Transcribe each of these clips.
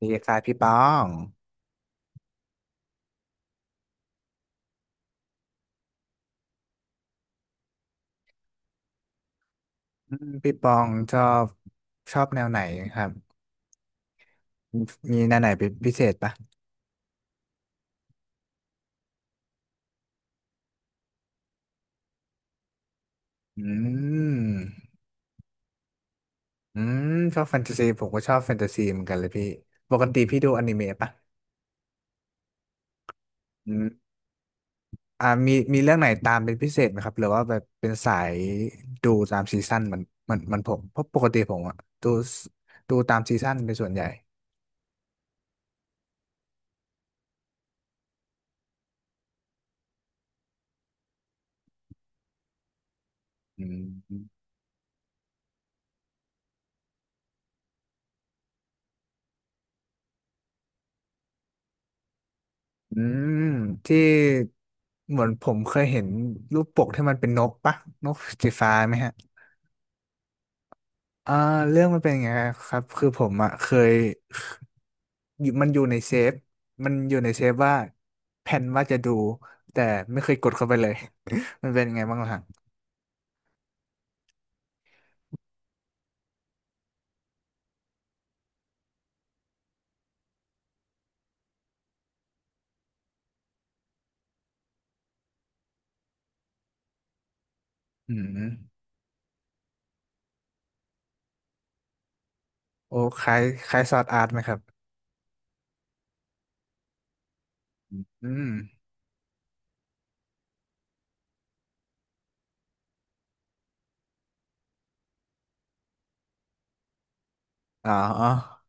ดีคสายพี่ปองพี่ปองชอบแนวไหนครับมีแนวไหนเป็นพิเศษปะอืมอืมชอบแฟนตาซีผมก็ชอบแฟนตาซีเหมือนกันเลยพี่ปกติพี่ดูอนิเมะปะอืมมีเรื่องไหนตามเป็นพิเศษไหมครับหรือว่าแบบเป็นสายดูตามซีซั่นเหมันเหมันเหมันผมเพราะปกติผมอะดูดูตามซีซั่นเป็นส่วนใหญ่อืม อืมที่เหมือนผมเคยเห็นรูปปกที่มันเป็นนกปะนกสีฟ้าไหมฮะอ่าเรื่องมันเป็นอย่างไงครับคือผมอ่ะเคยอยู่มันอยู่ในเซฟว่าแผนว่าจะดูแต่ไม่เคยกดเข้าไปเลย มันเป็นยังไงบ้างล่ะฮะอืมโอ้คล้ายคล้ายซอร์ดอาร์ตไหมครับอืมอ๋อ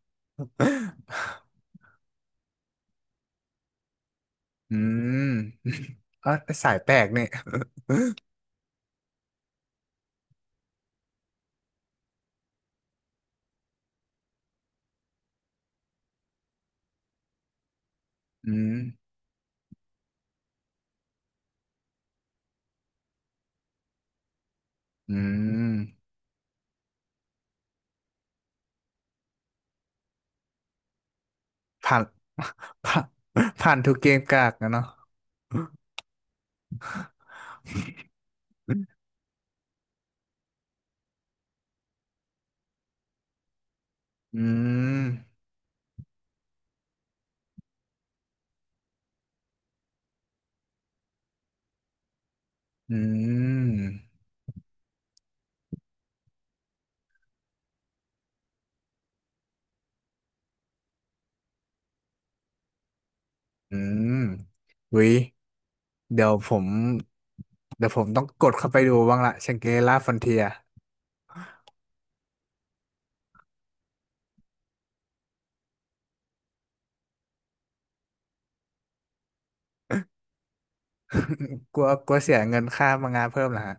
อืม อ๋อสายแปลกเนี่ยอืมอืม ผ่าน ผ่านผ่านทุกเกมกากนะเนาะอืม อืม อืม วิ เดี๋ยวผมเดี๋ยวผมต้องกดเข้าไปดูบ้างละชังเกล่าฟอนเทียกลัวกลัวเสียเงินค่ามังงะเพิ่มเหรอฮะ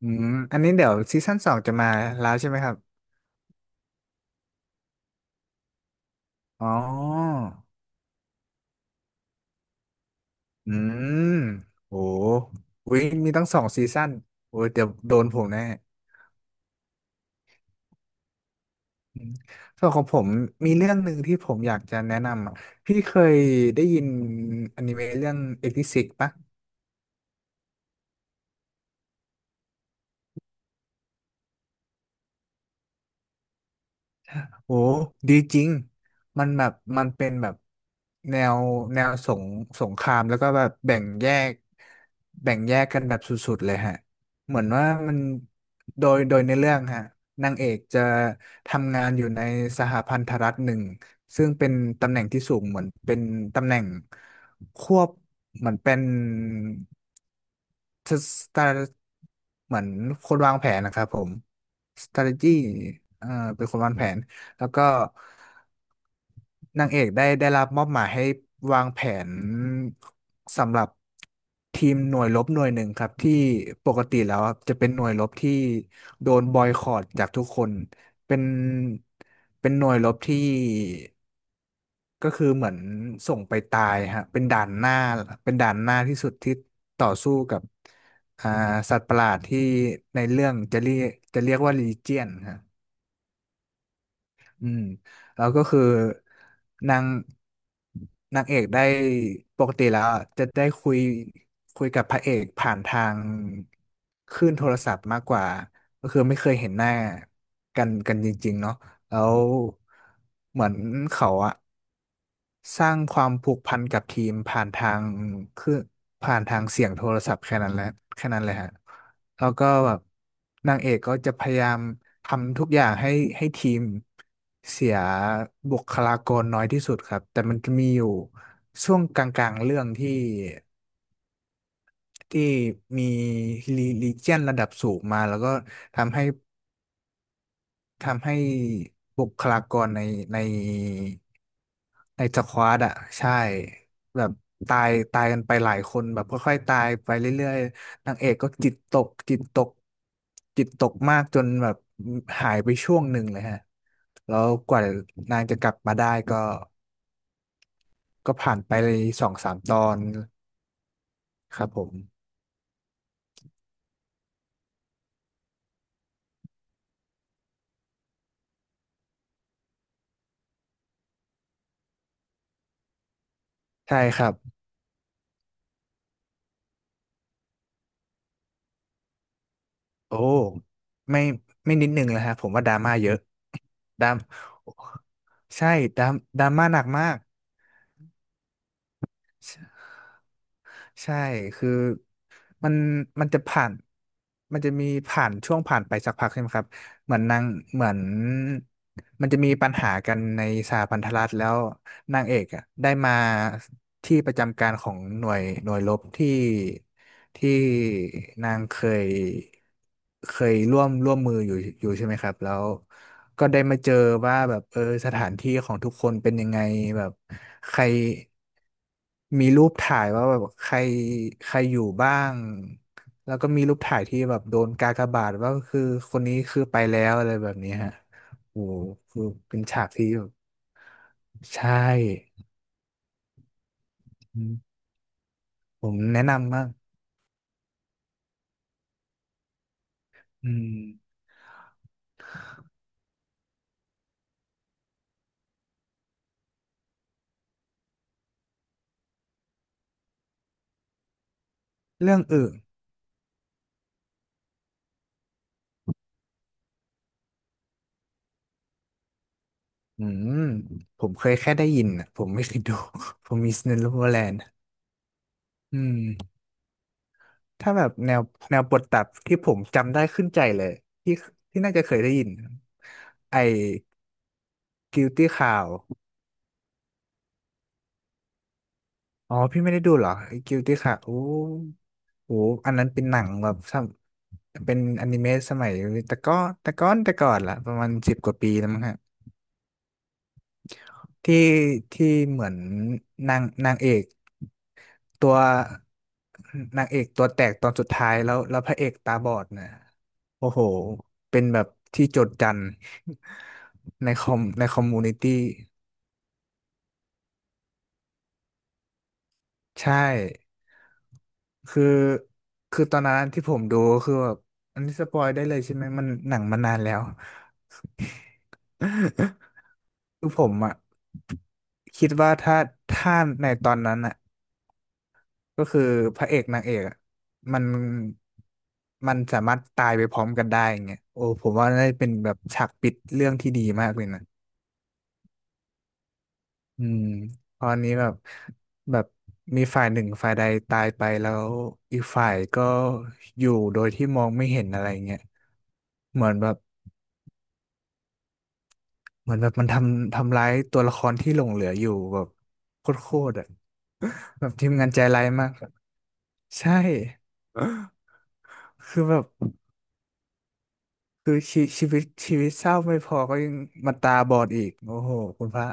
อืม อันนี้เดี๋ยวซีซั่นสองจะมาแล้วใช่ไหมครับ อ๋อ อืมโหวิมีตั้งสองซีซั่นโอ้ยเดี๋ยวโดนผมแน่ อืมส่วนของผมมีเรื่องหนึ่งที่ผมอยากจะแนะนำอ่ะพี่เคยได้ยินอนิเมะเรื่องเอ็กซ์ซิกปะโอ้ดีจริงมันแบบมันเป็นแบบแนวแนวสงสงครามแล้วก็แบบแบ่งแยกแบ่งแยกกันแบบสุดๆเลยฮะเหมือนว่ามันโดยในเรื่องฮะนางเอกจะทำงานอยู่ในสหพันธรัฐหนึ่งซึ่งเป็นตำแหน่งที่สูงเหมือนเป็นตำแหน่งควบเหมือนเป็น จะสตาร์เหมือนคนวางแผนนะครับผม strategy เอ่อเป็นคนวางแผน แล้วก็นางเอกได้ได้รับมอบหมายให้วางแผนสำหรับทีมหน่วยรบหน่วยหนึ่งครับที่ปกติแล้วครับจะเป็นหน่วยรบที่โดนบอยคอตจากทุกคน เป็นเป็นหน่วยรบที่ ก็คือเหมือนส่งไปตายฮะเป็นด่านหน้าเป็นด่านหน้าที่สุดที่ต่อสู้กับอ่าสัตว์ประหลาดที่ในเรื่องจะเรียกจะเรียกว่าลีเจียนฮะอืมแล้วก็คือนางนางเอกได้ปกติแล้วอะจะได้คุยคุยกับพระเอกผ่านทางคลื่นโทรศัพท์มากกว่าก็คือไม่เคยเห็นหน้ากันกันจริงๆเนาะแล้วเหมือนเขาอะ สร้างความผูกพันกับทีมผ่านทางคือผ่านทางเสียงโทรศัพท์แค่นั้นแหละแค่นั้นเลยฮะแล้วก็แบบนางเอกก็จะพยายามทำทุกอย่างให้ให้ทีมเสียบุคลากรน้อยที่สุดครับแต่มันจะมีอยู่ช่วงกลางๆเรื่องที่ที่มีลีเจียนระดับสูงมาแล้วก็ทำให้ ทำให้บุคลากรในในในสควอตอ่ะใช่แบบตายตายกันไปหลายคนแบบค่อยๆตายไปเรื่อยๆนางเอกก็จิตตกจิตตกจิตตกมากจนแบบหายไปช่วงหนึ่งเลยฮะแล้วกว่านางจะกลับมาได้ก็ก็ผ่านไปเลยสองสามตอนครับผมใช่ครับ โอ้ไม่ไม่นิดนึงเลยฮะผมว่าดราม่าเยอะดรามใช่ดราม่าหนักมากใช่คือมันมันจะผ่านมันจะมีผ่านช่วงผ่านไปสักพักใช่ไหมครับเหมือนนางเหมือนมันจะมีปัญหากันในสหพันธรัฐแล้วนางเอกอะได้มา ที่ประจำการของหน่วยหน่วยรบที่ที่นางยเคยร่วมร่วมมืออยู่อยู่ใช่ไหมครับแล้วก็ได้มาเจอว่าแบบเออสถานที่ของทุกคนเป็นยังไงแบบใครมีรูปถ่ายว่าแบบใครใครอยู่บ้างแล้วก็มีรูปถ่ายที่แบบโดนกากบาทว่าคือคนนี้คือไปแล้วอะไรแบบนี้ฮะโอ้โหคือเป็นฉากที่แบบใช่อืมผมแนะนำมาก อืมเรื่องอื่นอืมผมเคยแค่ได้ยินอ่ะผมไม่เคยดู ผมมี n e v e r l a แ d อืมถ้าแบบแนวแนวบทตัดที่ผมจำได้ขึ้นใจเลยที่ที่น่าจะเคยได้ยินไอ้ Guilty Crown อ๋อพี่ไม่ได้ดูเหรอไอ้ Guilty Crown โอ้โหอันนั้นเป็นหนังแบบสมเป็นอนิเมะสมัยแต่ก็แต่ก้อนแต่ก่อนละประมาณสิบกว่าปีแล้วมั้งฮะที่เหมือนนางนางเอก ตัวนางเอกตัวแตกตอนสุดท้ายแล้วแล้วพระเอกตาบอดนะโอ้โหเป็นแบบที่โจษจันทร์ ในคอมในคอมมูนิตี้ใช่คือคือตอนนั้นที่ผมดูคือแบบอันนี้สปอยได้เลยใช่ไหมมันหนังมานานแล้ว คือผมอ่ะคิดว่าถ้าถ้าในตอนนั้นอ่ะ ก็คือพระเอกนางเอกอะมันมันสามารถตายไปพร้อมกันได้อย่างเงี้ยโอ้ผมว่าได้เป็นแบบฉากปิดเรื่องที่ดีมากเลยนะอืมตอนนี้แบบแบบมีฝ่ายหนึ่งฝ่ายใดตายไปแล้วอีกฝ่ายก็อยู่โดยที่มองไม่เห็นอะไรเงี้ยเหมือนแบบเหมือนแบบมันทำทำร้ายตัวละครที่หลงเหลืออยู่แบบโคตรๆอ่ะ แบบทีมงานใจร้ายมากใช่คือแบบ คือชีชีวิตเศร้าไม่พอก็ยังมาตาบอดอีกโอ้โหคุณพระ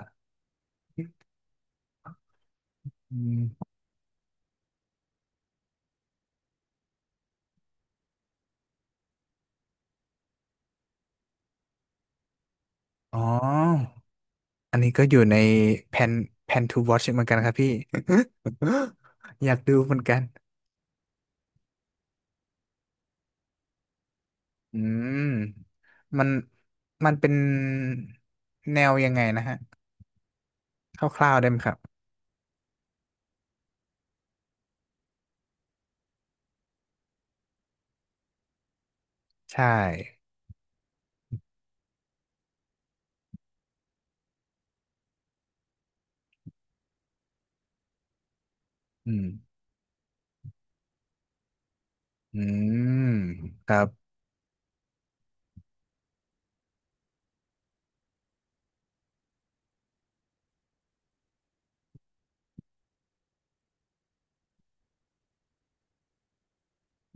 อืมอ๋ออันนี้ก็อยู่ในแผนแผน to watch เหมือนกันครับพี่ อยากดูเหมือนกันอืมมันมันเป็นแนวยังไงนะฮะคร่าวๆได้ไหมครับใช่อืมอืมครับ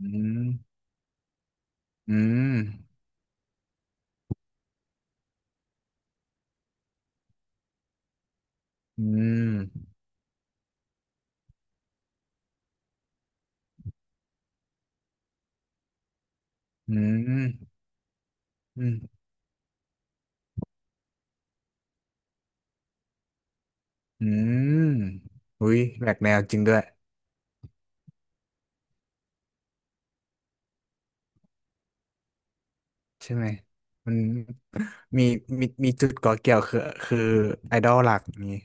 อืมอืมอืมอืมอืมอืมอุ้ยแหวกแนวจริงด้วย ใช่ไหมมันมีมีจุดก่อเกี่ยวคือคือไอดอลหลักนี้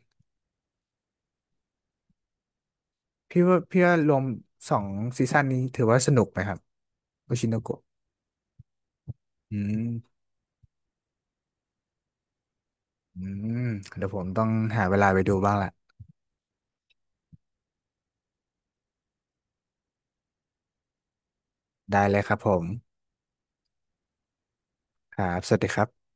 พี่ว่ารวมสองซีซั่นนี้ถือว่าสนุกไหมครับโอชิโนโกะอืมอืมเดี๋ยวผมต้องหาเวลาไปดูบ้างละได้เลยครับผมครับสวัสดีครับ